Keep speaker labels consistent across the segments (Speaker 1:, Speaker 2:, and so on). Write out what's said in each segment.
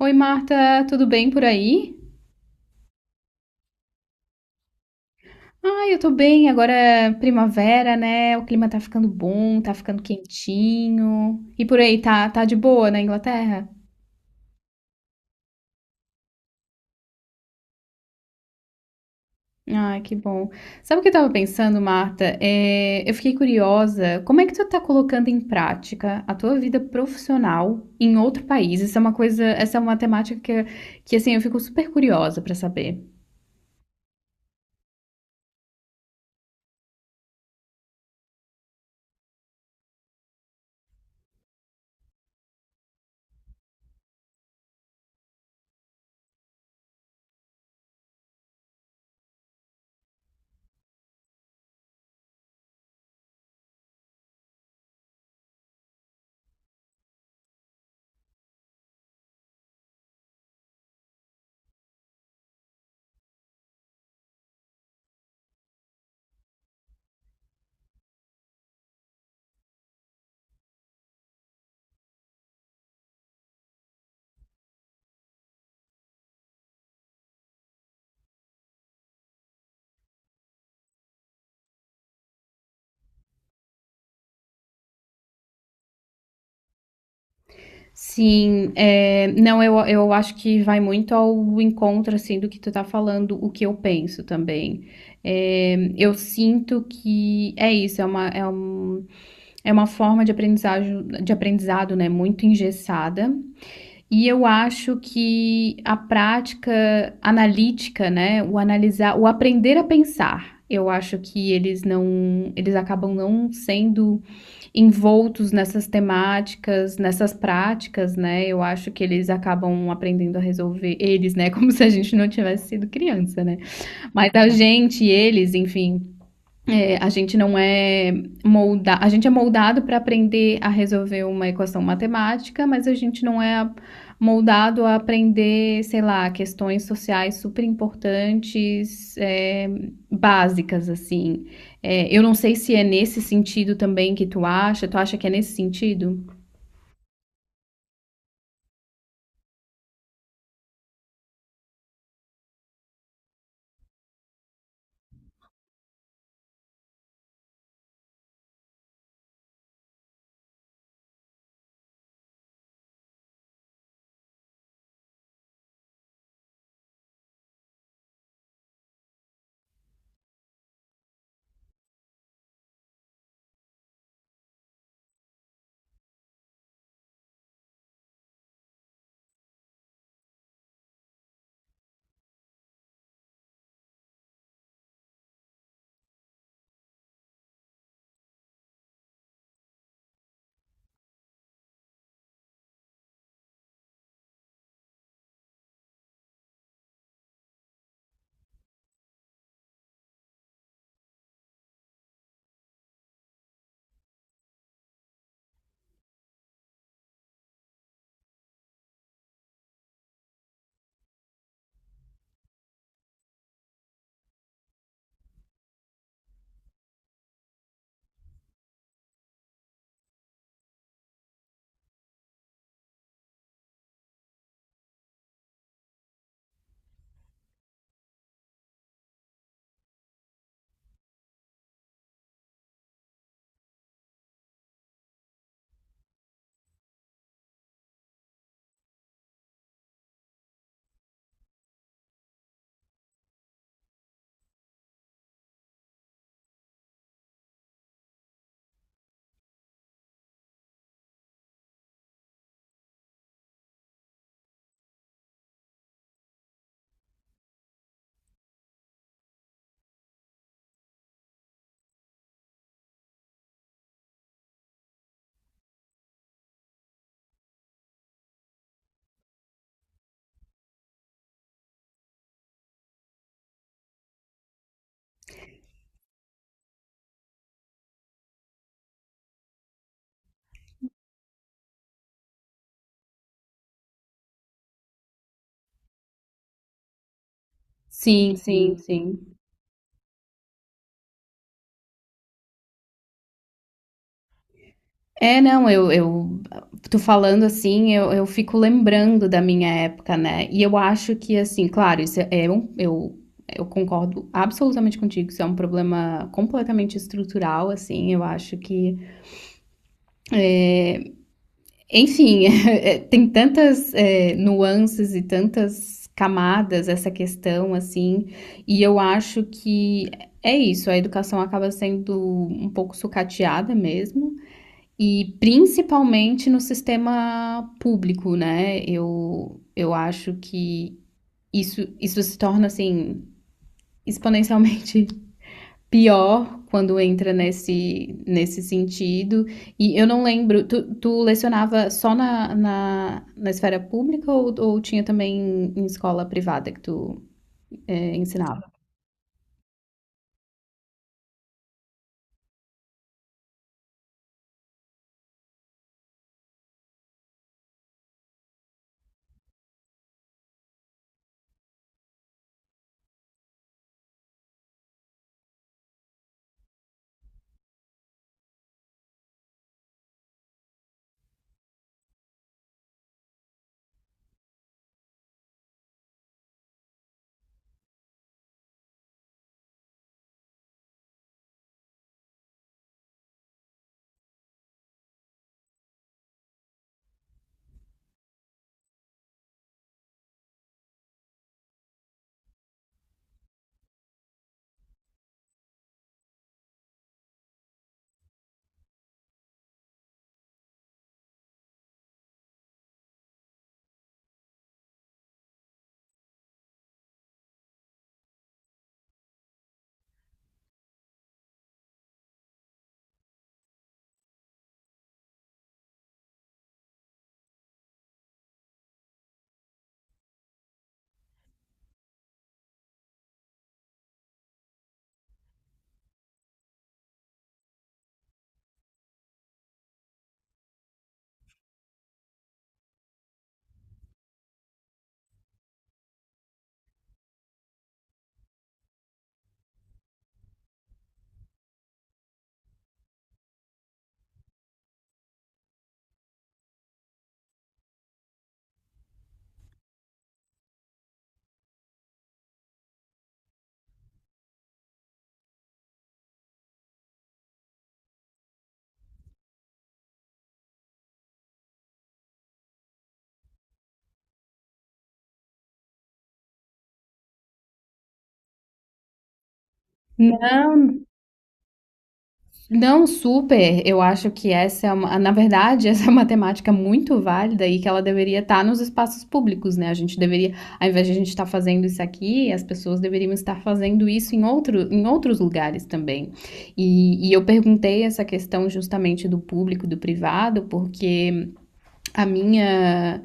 Speaker 1: Oi, Marta, tudo bem por aí? Ah, eu tô bem. Agora é primavera, né? O clima tá ficando bom, tá ficando quentinho. E por aí, tá de boa na Inglaterra? Ah, que bom. Sabe o que eu tava pensando, Marta? É, eu fiquei curiosa. Como é que tu tá colocando em prática a tua vida profissional em outro país? Isso é uma coisa, essa é uma temática que assim, eu fico super curiosa pra saber. Sim, é, não, eu acho que vai muito ao encontro, assim, do que tu tá falando, o que eu penso também. É, eu sinto que é isso, é uma forma de aprendizagem, de aprendizado, né, muito engessada. E eu acho que a prática analítica, né, o analisar, o aprender a pensar, eu acho que eles acabam não sendo envoltos nessas temáticas, nessas práticas, né? Eu acho que eles acabam aprendendo a resolver eles, né? Como se a gente não tivesse sido criança, né? Mas a gente, eles, enfim, é, a gente não é moldado a gente é moldado para aprender a resolver uma equação matemática, mas a gente não é a- moldado a aprender, sei lá, questões sociais super importantes, é, básicas assim. É, eu não sei se é nesse sentido também que tu acha. Tu acha que é nesse sentido? Sim, sim, sim. É, não, eu, tu falando assim, eu fico lembrando da minha época, né? E eu acho que, assim, claro, eu concordo absolutamente contigo, isso é um problema completamente estrutural, assim, eu acho que, enfim, é, tem tantas, é, nuances e tantas camadas essa questão, assim, e eu acho que é isso, a educação acaba sendo um pouco sucateada mesmo. E principalmente no sistema público, né? Eu acho que isso se torna assim exponencialmente pior quando entra nesse sentido. E eu não lembro, tu lecionava só na esfera pública ou tinha também em escola privada que tu é, ensinava? Não, não, super. Eu acho que essa é uma, na verdade, essa é uma temática muito válida e que ela deveria estar nos espaços públicos, né? A gente deveria, ao invés de a gente estar fazendo isso aqui, as pessoas deveriam estar fazendo isso em outro, em outros lugares também. E eu perguntei essa questão justamente do público e do privado, porque a minha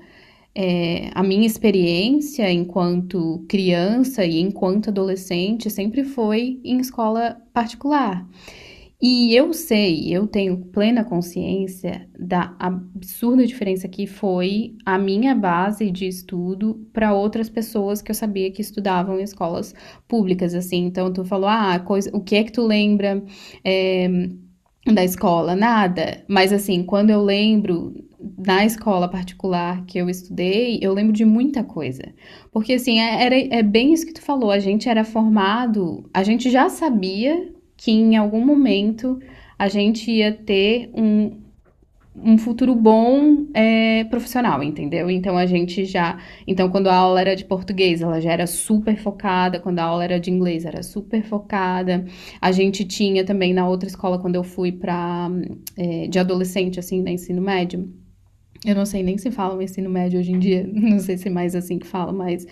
Speaker 1: é, a minha experiência enquanto criança e enquanto adolescente sempre foi em escola particular, e eu sei, eu tenho plena consciência da absurda diferença que foi a minha base de estudo para outras pessoas que eu sabia que estudavam em escolas públicas, assim. Então, tu falou, ah, coisa, o que é que tu lembra? É, da escola, nada. Mas assim, quando eu lembro da escola particular que eu estudei, eu lembro de muita coisa. Porque assim, era, é bem isso que tu falou, a gente era formado, a gente já sabia que em algum momento a gente ia ter um, um futuro bom é, profissional, entendeu? Então a gente já. Então, quando a aula era de português, ela já era super focada, quando a aula era de inglês, era super focada. A gente tinha também na outra escola, quando eu fui para é, de adolescente, assim, no ensino médio. Eu não sei nem se falam ensino médio hoje em dia, não sei se é mais assim que falam, mas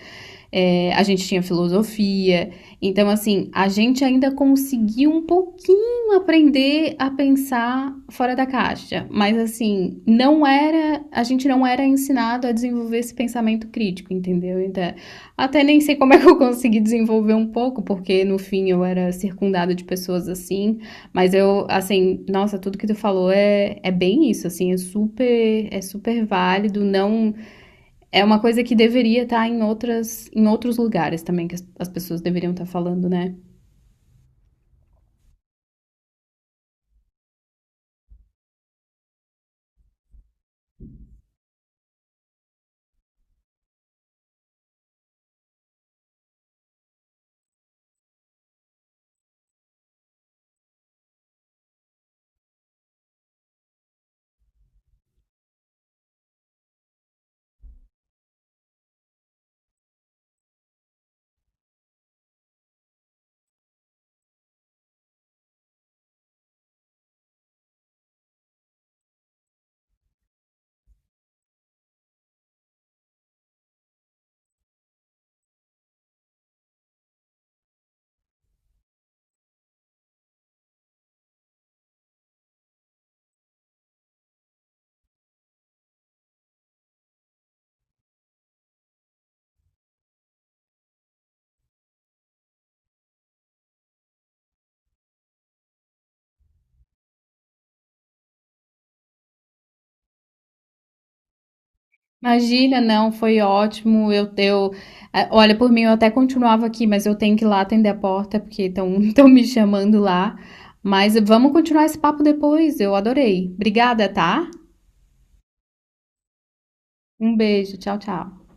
Speaker 1: é, a gente tinha filosofia. Então, assim, a gente ainda conseguiu um pouquinho aprender a pensar fora da caixa. Mas, assim, não era. A gente não era ensinado a desenvolver esse pensamento crítico, entendeu? Então, até nem sei como é que eu consegui desenvolver um pouco, porque no fim eu era circundada de pessoas assim. Mas eu, assim, nossa, tudo que tu falou é, é bem isso, assim, é super válido, não é uma coisa que deveria estar em, outras, em outros lugares também, que as pessoas deveriam estar falando, né? Imagina, não, foi ótimo. Olha, por mim eu até continuava aqui, mas eu tenho que ir lá atender a porta porque estão me chamando lá. Mas vamos continuar esse papo depois. Eu adorei. Obrigada, tá? Um beijo. Tchau, tchau.